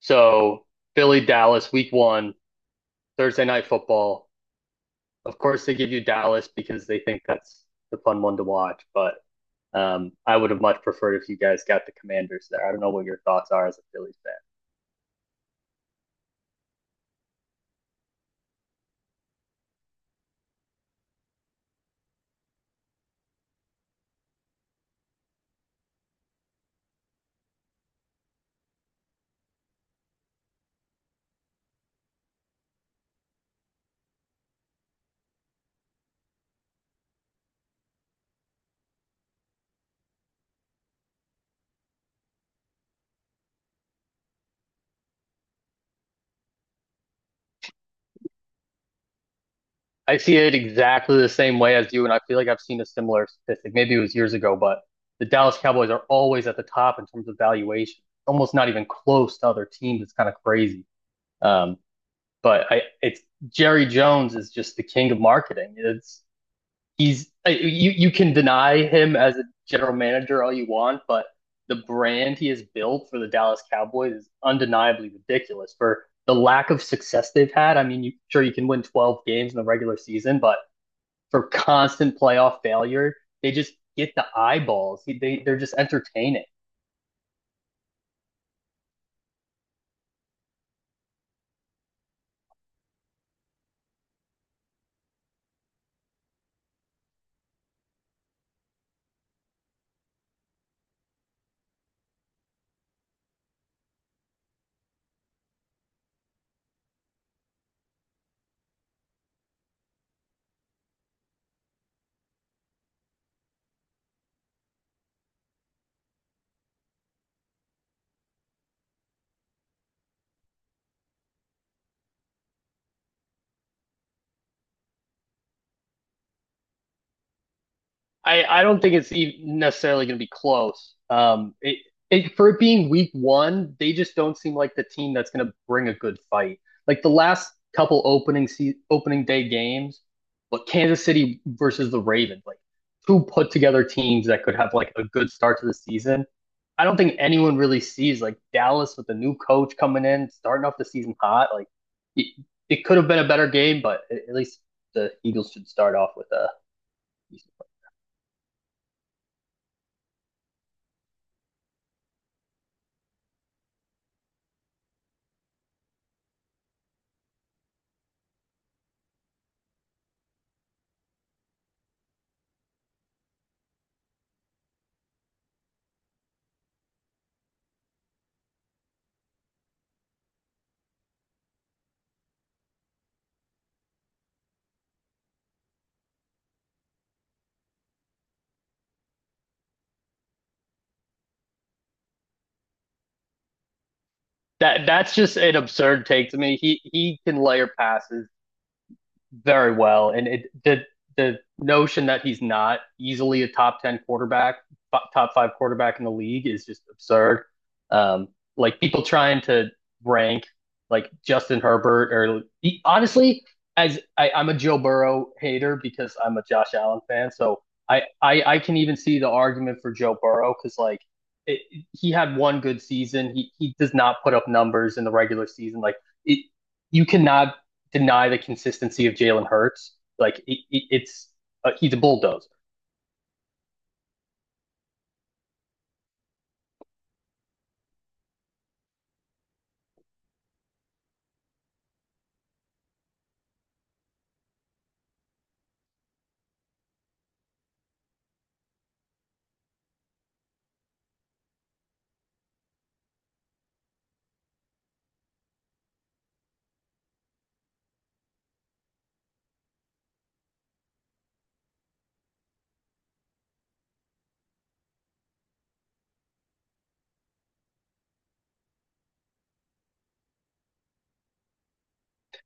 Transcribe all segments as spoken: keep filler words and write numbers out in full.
So Philly, Dallas, week one, Thursday night football. Of course, they give you Dallas because they think that's the fun one to watch. But um, I would have much preferred if you guys got the Commanders there. I don't know what your thoughts are as a Phillies fan. I see it exactly the same way as you, and I feel like I've seen a similar statistic. Maybe it was years ago, but the Dallas Cowboys are always at the top in terms of valuation, almost not even close to other teams. It's kind of crazy. Um, but I, it's Jerry Jones is just the king of marketing. It's he's uh, you you can deny him as a general manager all you want, but the brand he has built for the Dallas Cowboys is undeniably ridiculous for the lack of success they've had. I mean, you, sure you can win twelve games in the regular season, but for constant playoff failure, they just get the eyeballs. They they're just entertaining. I, I don't think it's even necessarily going to be close. Um, it, it, for it being week one, they just don't seem like the team that's going to bring a good fight. Like the last couple opening se- opening day games, but Kansas City versus the Ravens, like two put together teams that could have like a good start to the season. I don't think anyone really sees like Dallas with the new coach coming in, starting off the season hot. Like it, it could have been a better game, but at least the Eagles should start off with a decent. That that's just an absurd take to me. He he can layer passes very well. And it the the notion that he's not easily a top ten quarterback, top five quarterback in the league is just absurd. Um, like people trying to rank like Justin Herbert or he, honestly, as I, I'm a Joe Burrow hater because I'm a Josh Allen fan, so I I, I can even see the argument for Joe Burrow because like. It, he had one good season. He he does not put up numbers in the regular season. Like it, you cannot deny the consistency of Jalen Hurts. Like it, it, it's uh, He's a bulldozer.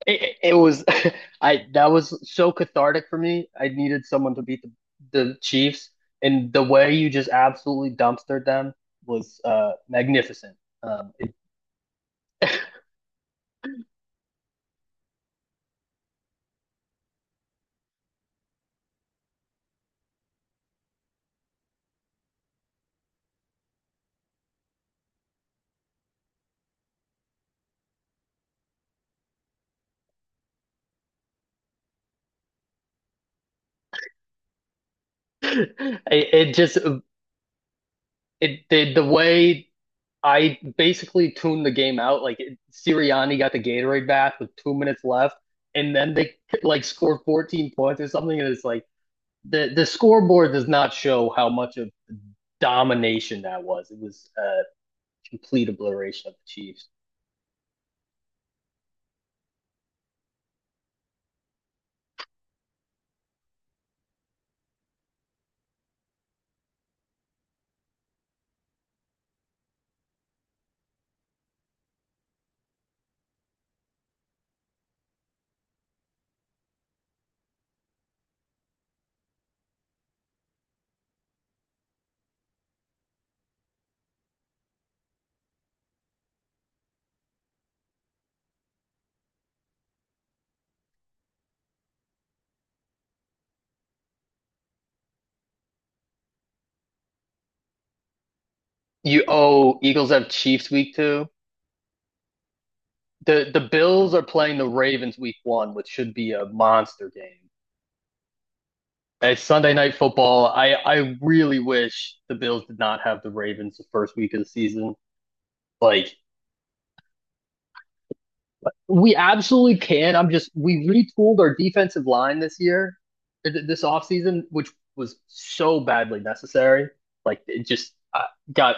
It, it was I that was so cathartic for me. I needed someone to beat the, the Chiefs, and the way you just absolutely dumpstered them was uh, magnificent. Um, it, it, it just it the, the way I basically tuned the game out. Like it, Sirianni got the Gatorade bath with two minutes left, and then they like scored fourteen points or something, and it's like the the scoreboard does not show how much of domination that was. It was a complete obliteration of the Chiefs. You oh, Eagles have Chiefs week two. The the Bills are playing the Ravens week one, which should be a monster game. It's Sunday night football. I I really wish the Bills did not have the Ravens the first week of the season. Like, we absolutely can. I'm just we retooled our defensive line this year, th- this offseason, which was so badly necessary. Like it just uh, got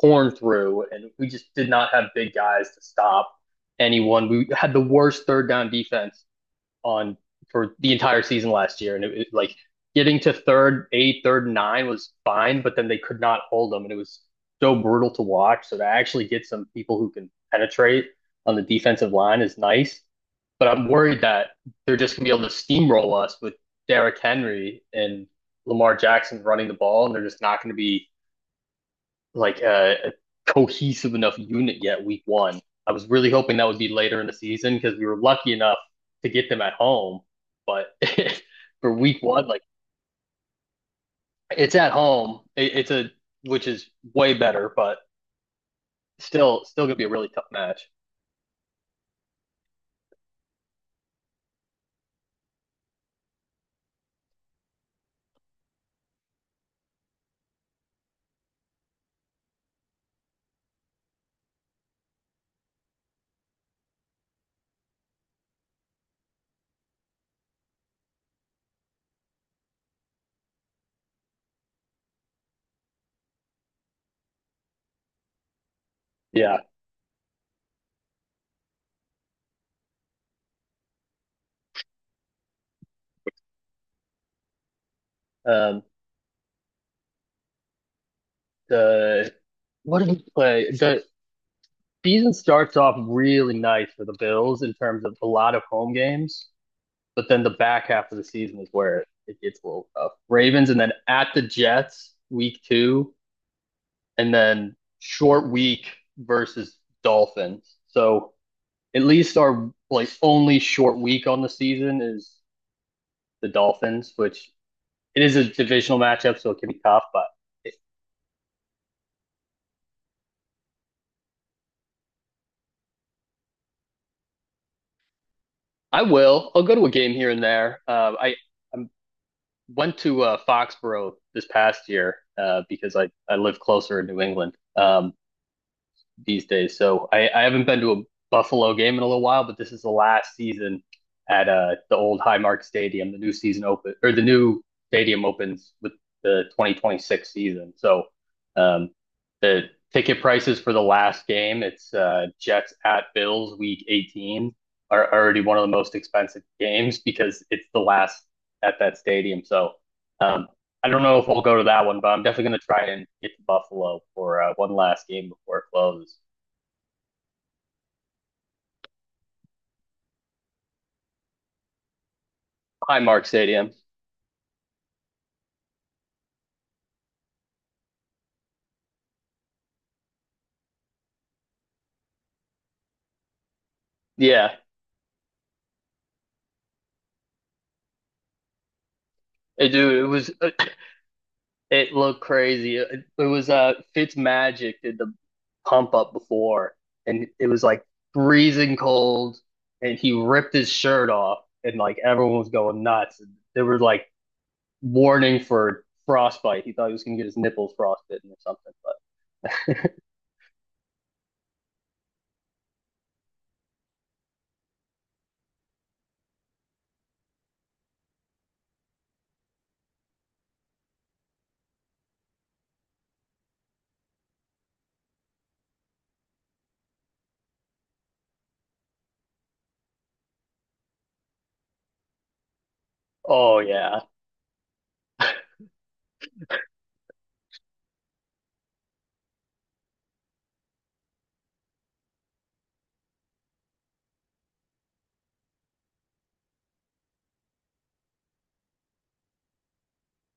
torn through, and we just did not have big guys to stop anyone. We had the worst third down defense on for the entire season last year, and it, it- like getting to third eight, third nine was fine, but then they could not hold them, and it was so brutal to watch. So to actually get some people who can penetrate on the defensive line is nice, but I'm worried that they're just gonna be able to steamroll us with Derrick Henry and Lamar Jackson running the ball, and they're just not going to be like a, a cohesive enough unit yet week one. I was really hoping that would be later in the season because we were lucky enough to get them at home. But for week one, like it's at home. It, it's a which is way better, but still still gonna be a really tough match. Yeah. Um the what did we play? The season starts off really nice for the Bills in terms of a lot of home games. But then the back half of the season is where it, gets a little tough. Ravens and then at the Jets week two, and then short week versus Dolphins. So at least our like only short week on the season is the Dolphins, which it is a divisional matchup, so it can be tough. But it, I will. I'll go to a game here and there. Uh, I I went to uh, Foxborough this past year uh, because I I live closer in New England. Um, these days. So I, I haven't been to a Buffalo game in a little while, but this is the last season at uh, the old Highmark Stadium. The new season open or the new stadium opens with the twenty twenty-six season. So um, the ticket prices for the last game, it's uh, Jets at Bills, Week eighteen, are already one of the most expensive games because it's the last at that stadium. So um, I don't know if we'll go to that one, but I'm definitely going to try and get to Buffalo for uh, one last game before it closes. Highmark Stadium. Yeah, it, dude, it was uh, it looked crazy. It, it was uh Fitzmagic did the pump up before, and it was like freezing cold, and he ripped his shirt off, and like everyone was going nuts. There was like warning for frostbite. He thought he was gonna get his nipples frostbitten or something. But oh yeah,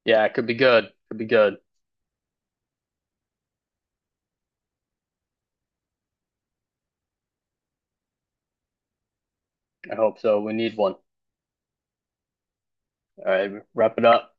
yeah, it could be good. Could be good. I hope so. We need one. All right, wrap it up.